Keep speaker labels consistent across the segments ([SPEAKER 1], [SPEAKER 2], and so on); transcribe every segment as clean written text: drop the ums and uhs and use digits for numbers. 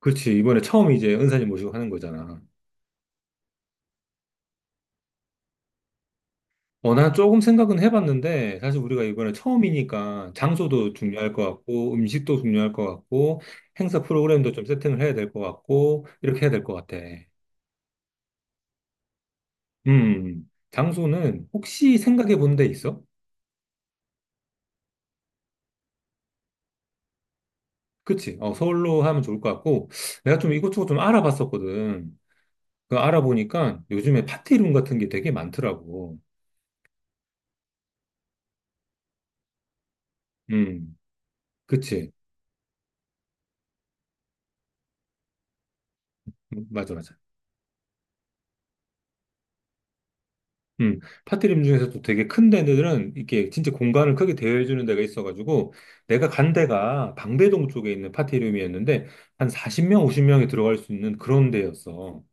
[SPEAKER 1] 그렇지. 이번에 처음 이제 은사님 모시고 하는 거잖아. 난 조금 생각은 해봤는데, 사실 우리가 이번에 처음이니까 장소도 중요할 것 같고, 음식도 중요할 것 같고, 행사 프로그램도 좀 세팅을 해야 될 것 같고, 이렇게 해야 될 것 같아. 장소는 혹시 생각해 본 데 있어? 그치. 서울로 하면 좋을 것 같고, 내가 좀 이것저것 좀 알아봤었거든. 그 알아보니까 요즘에 파티룸 같은 게 되게 많더라고. 음, 그치. 맞아, 맞아. 파티림 중에서도 되게 큰 데들은 이렇게 진짜 공간을 크게 대여해주는 데가 있어가지고 내가 간 데가 방배동 쪽에 있는 파티룸이었는데 한 40명, 50명이 들어갈 수 있는 그런 데였어.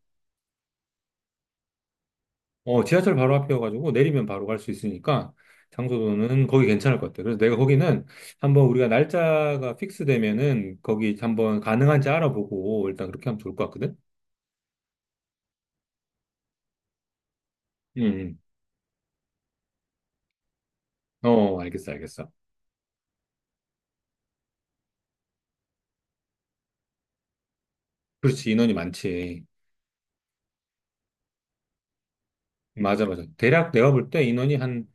[SPEAKER 1] 지하철 바로 앞이어가지고 내리면 바로 갈 수 있으니까 장소도는 거기 괜찮을 것 같아. 그래서 내가 거기는 한번 우리가 날짜가 픽스되면은 거기 한번 가능한지 알아보고 일단 그렇게 하면 좋을 것 같거든? 음, 어, 알겠어. 그렇지, 인원이 많지. 맞아, 맞아. 대략 내가 볼 때 인원이 한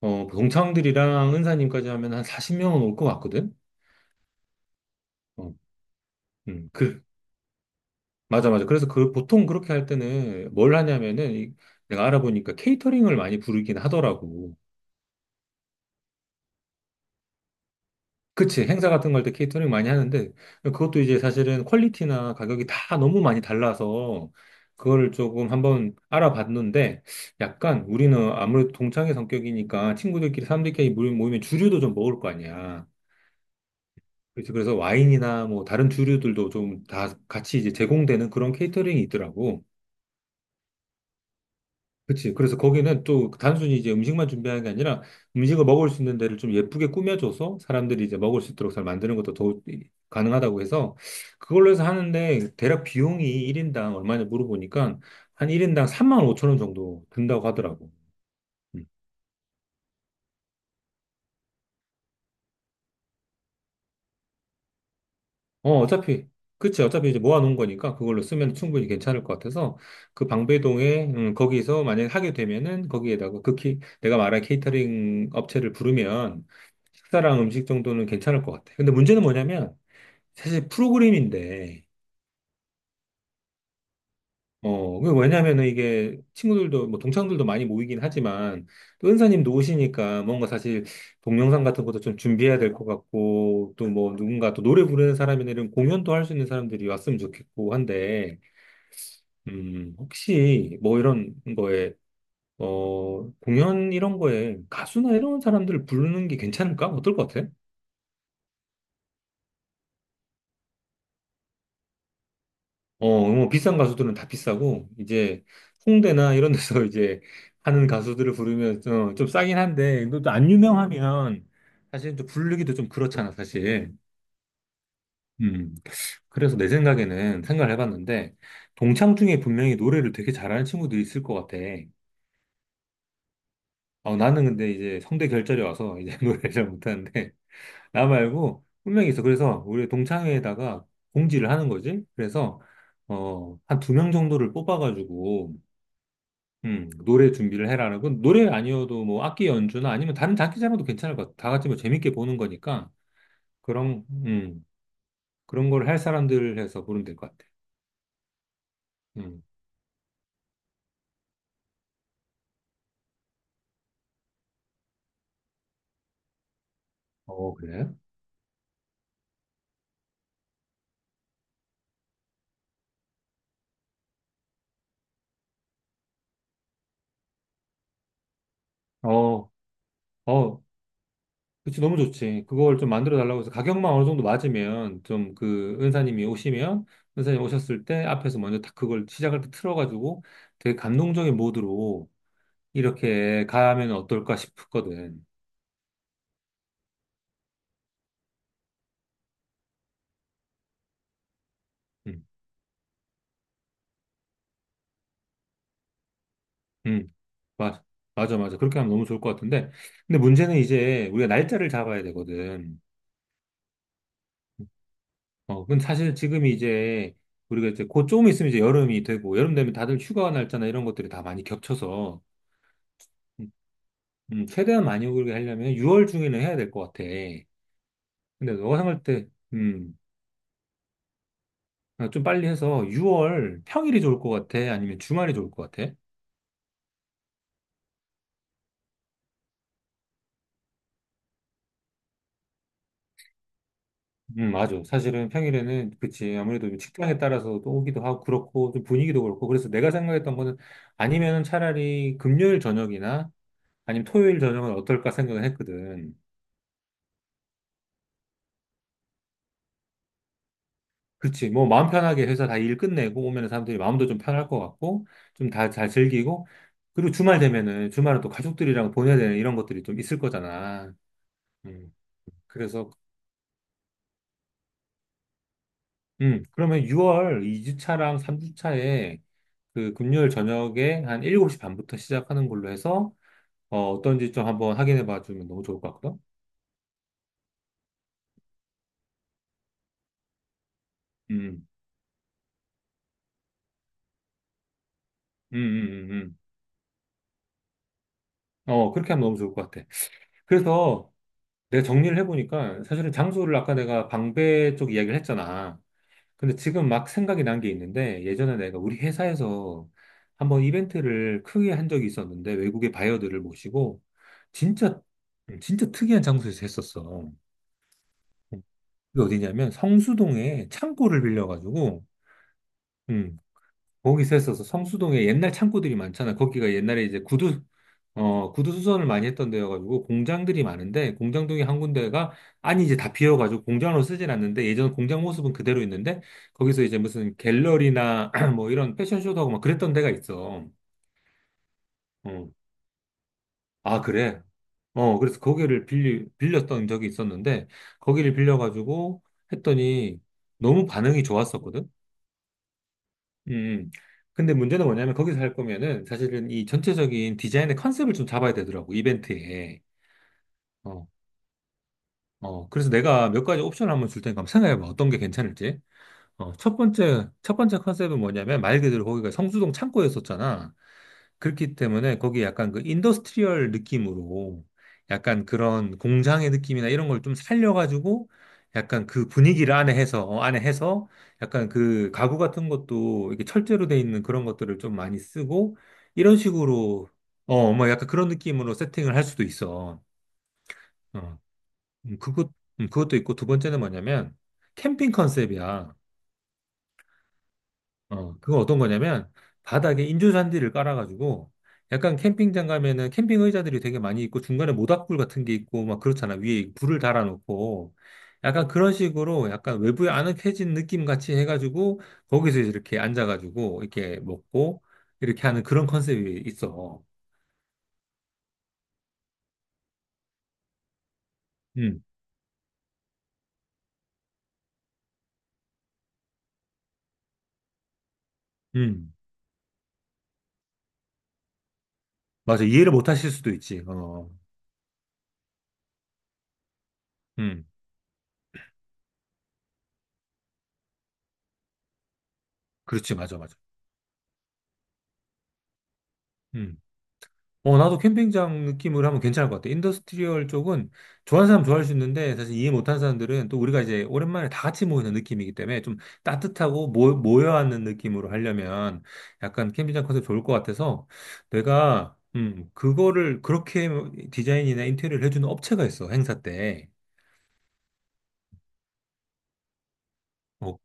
[SPEAKER 1] 그 동창들이랑 은사님까지 하면 한 40명은 올 것 같거든? 어, 음, 그, 맞아, 맞아. 그래서 그, 보통 그렇게 할 때는 뭘 하냐면은, 내가 알아보니까 케이터링을 많이 부르긴 하더라고. 그치, 행사 같은 거 할 때 케이터링 많이 하는데, 그것도 이제 사실은 퀄리티나 가격이 다 너무 많이 달라서, 그거를 조금 한번 알아봤는데, 약간 우리는 아무래도 동창의 성격이니까 친구들끼리, 사람들끼리 모이면 주류도 좀 먹을 거 아니야. 그래서 와인이나 뭐 다른 주류들도 좀 다 같이 이제 제공되는 그런 케이터링이 있더라고. 그치. 그래서 거기는 또 단순히 이제 음식만 준비하는 게 아니라 음식을 먹을 수 있는 데를 좀 예쁘게 꾸며줘서 사람들이 이제 먹을 수 있도록 잘 만드는 것도 더욱 가능하다고 해서 그걸로 해서 하는데 대략 비용이 1인당 얼마냐 물어보니까 한 1인당 3만 5천 원 정도 든다고 하더라고. 음. 어, 어차피, 그치. 어차피 이제 모아놓은 거니까 그걸로 쓰면 충분히 괜찮을 것 같아서 그 방배동에, 거기서 만약에 하게 되면은 거기에다가 내가 말한 케이터링 업체를 부르면 식사랑 음식 정도는 괜찮을 것 같아. 근데 문제는 뭐냐면 사실 프로그램인데 그 왜냐면은 이게 친구들도, 뭐, 동창들도 많이 모이긴 하지만, 또 은사님도 오시니까 뭔가 사실 동영상 같은 것도 좀 준비해야 될 것 같고, 또 뭐, 누군가 또 노래 부르는 사람이나 이런 공연도 할 수 있는 사람들이 왔으면 좋겠고 한데, 혹시 뭐 이런 거에, 어, 공연 이런 거에 가수나 이런 사람들 부르는 게 괜찮을까? 어떨 것 같아? 뭐 비싼 가수들은 다 비싸고, 이제 홍대나 이런 데서 이제 하는 가수들을 부르면 좀 싸긴 한데, 근데 또 안 유명하면 사실 또 부르기도 좀 그렇잖아, 사실. 음. 그래서 내 생각에는 생각을 해봤는데, 동창 중에 분명히 노래를 되게 잘하는 친구도 있을 것 같아. 어, 나는 근데 이제 성대 결절이 와서 이제 노래를 잘 못하는데, 나 말고 분명히 있어. 그래서 우리 동창회에다가 공지를 하는 거지. 한 두 명 정도를 뽑아가지고, 노래 준비를 해라는 건 노래 아니어도 뭐 악기 연주나 아니면 다른 장기자랑도 괜찮을 것 같아. 다 같이 뭐 재밌게 보는 거니까. 그런, 음, 그런 걸 할 사람들 해서 보면 될 것 같아. 음. 어, 그래? 어, 어, 그치, 너무 좋지. 그걸 좀 만들어 달라고 해서 가격만 어느 정도 맞으면 좀 그 은사님이 오시면 은사님 오셨을 때 앞에서 먼저 딱 그걸 시작할 때 틀어가지고 되게 감동적인 모드로 이렇게 가면 어떨까 싶거든. 음, 음. 맞아, 맞아. 그렇게 하면 너무 좋을 것 같은데. 근데 문제는 이제 우리가 날짜를 잡아야 되거든. 근데 사실 지금 이제 우리가 곧 조금 있으면 이제 여름이 되고, 여름 되면 다들 휴가 날짜나 이런 것들이 다 많이 겹쳐서, 음, 최대한 많이 오게 하려면 6월 중에는 해야 될 것 같아. 근데 너가 생각할 때, 음, 아, 좀 빨리 해서 6월 평일이 좋을 것 같아? 아니면 주말이 좋을 것 같아? 맞아. 사실은 평일에는, 그치. 아무래도 좀 직장에 따라서 또 오기도 하고, 그렇고, 좀 분위기도 그렇고. 그래서 내가 생각했던 거는, 아니면은 차라리 금요일 저녁이나, 아니면 토요일 저녁은 어떨까 생각을 했거든. 그치. 뭐, 마음 편하게 회사 다 일 끝내고, 오면 사람들이 마음도 좀 편할 것 같고, 좀 다 잘 즐기고, 그리고 주말 되면은, 주말은 또 가족들이랑 보내야 되는 이런 것들이 좀 있을 거잖아. 음, 그래서, 그러면 6월 2주차랑 3주차에, 그 금요일 저녁에 한 7시 반부터 시작하는 걸로 해서, 어, 어떤지 좀 한번 확인해 봐주면 너무 좋을 것 같거든? 음, 음, 음, 음. 음. 어, 그렇게 하면 너무 좋을 것 같아. 그래서 내가 정리를 해보니까 사실은 장소를 아까 내가 방배 쪽 이야기를 했잖아. 근데 지금 막 생각이 난 게 있는데 예전에 내가 우리 회사에서 한번 이벤트를 크게 한 적이 있었는데 외국의 바이어들을 모시고 진짜, 진짜 특이한 장소에서 했었어. 그게 어디냐면 성수동에 창고를 빌려가지고 음, 거기서 했어서 성수동에 옛날 창고들이 많잖아. 거기가 옛날에 이제 구두 수선을 많이 했던 데여가지고 공장들이 많은데 공장동에 한 군데가 아니 이제 다 비어가지고 공장으로 쓰진 않는데 예전 공장 모습은 그대로 있는데 거기서 이제 무슨 갤러리나 뭐 이런 패션쇼도 하고 막 그랬던 데가 있어. 어. 아, 그래? 그래서 빌렸던 적이 있었는데 거기를 빌려가지고 했더니 너무 반응이 좋았었거든? 음. 근데 문제는 뭐냐면 거기서 할 거면은 사실은 이 전체적인 디자인의 컨셉을 좀 잡아야 되더라고, 이벤트에. 어, 어. 그래서 내가 몇 가지 옵션을 한번 줄 테니까 한번 생각해봐. 어떤 게 괜찮을지. 어, 첫 번째 컨셉은 뭐냐면 말 그대로 거기가 성수동 창고였었잖아. 그렇기 때문에 거기 약간 그 인더스트리얼 느낌으로 약간 그런 공장의 느낌이나 이런 걸 좀 살려가지고 약간 그 분위기를 안에 해서, 어, 안에 해서 약간 그 가구 같은 것도 이렇게 철제로 돼 있는 그런 것들을 좀 많이 쓰고 이런 식으로 약간 그런 느낌으로 세팅을 할 수도 있어. 어, 음, 그것, 그것도 있고 두 번째는 뭐냐면 캠핑 컨셉이야. 어, 그건 어떤 거냐면 바닥에 인조잔디를 깔아가지고 약간 캠핑장 가면은 캠핑 의자들이 되게 많이 있고 중간에 모닥불 같은 게 있고 막 그렇잖아. 위에 불을 달아놓고 약간 그런 식으로 약간 외부에 아늑해진 느낌 같이 해가지고 거기서 이제 이렇게 앉아가지고 이렇게 먹고 이렇게 하는 그런 컨셉이 있어. 음, 음, 맞아. 이해를 못 하실 수도 있지. 어, 음, 그렇지. 맞아, 맞아. 음. 어, 나도 캠핑장 느낌으로 하면 괜찮을 것 같아. 인더스트리얼 쪽은 좋아하는 사람 좋아할 수 있는데 사실 이해 못하는 사람들은 또 우리가 이제 오랜만에 다 같이 모이는 느낌이기 때문에 좀 따뜻하고 모여앉는 느낌으로 하려면 약간 캠핑장 컨셉 좋을 것 같아서 내가 그거를 그렇게 디자인이나 인테리어를 해주는 업체가 있어, 행사 때. 어,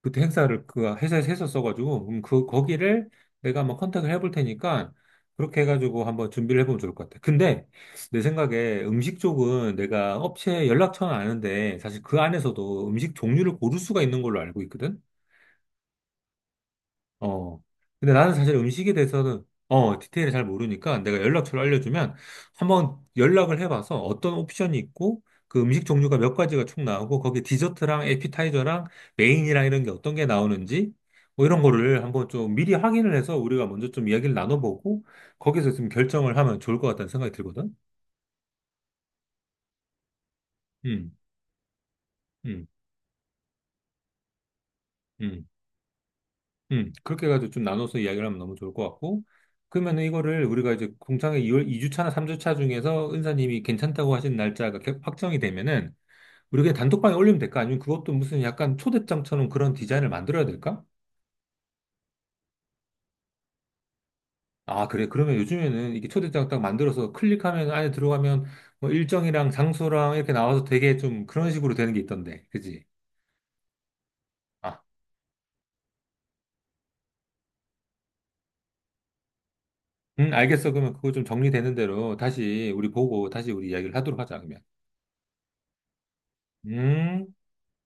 [SPEAKER 1] 그때 행사를 그 회사에서 했었어가지고, 거기를 내가 한번 컨택을 해볼 테니까, 그렇게 해가지고 한번 준비를 해보면 좋을 것 같아. 근데, 내 생각에 음식 쪽은 내가 업체 연락처는 아는데, 사실 그 안에서도 음식 종류를 고를 수가 있는 걸로 알고 있거든? 어. 근데 나는 사실 음식에 대해서는, 디테일을 잘 모르니까 내가 연락처를 알려주면 한번 연락을 해봐서 어떤 옵션이 있고 그 음식 종류가 몇 가지가 총 나오고 거기에 디저트랑 에피타이저랑 메인이랑 이런 게 어떤 게 나오는지 뭐 이런 거를 한번 좀 미리 확인을 해서 우리가 먼저 좀 이야기를 나눠보고 거기서 좀 결정을 하면 좋을 것 같다는 생각이 들거든. 음, 음, 음. 그렇게 해가지고 좀 나눠서 이야기를 하면 너무 좋을 것 같고, 그러면은 이거를 우리가 이제 공창회 2월 주 차나 삼주차나 3주차 중에서 은사님이 괜찮다고 하신 날짜가 확정이 되면은, 우리 그냥 단톡방에 올리면 될까? 아니면 그것도 무슨 약간 초대장처럼 그런 디자인을 만들어야 될까? 아, 그래. 그러면 요즘에는 이게 초대장 딱 만들어서 클릭하면 안에 들어가면 뭐 일정이랑 장소랑 이렇게 나와서 되게 좀 그런 식으로 되는 게 있던데. 그지? 아, 알겠어. 그러면 그거 좀 정리되는 대로 다시 우리 보고 다시 우리 이야기를 하도록 하자, 그러면. 음.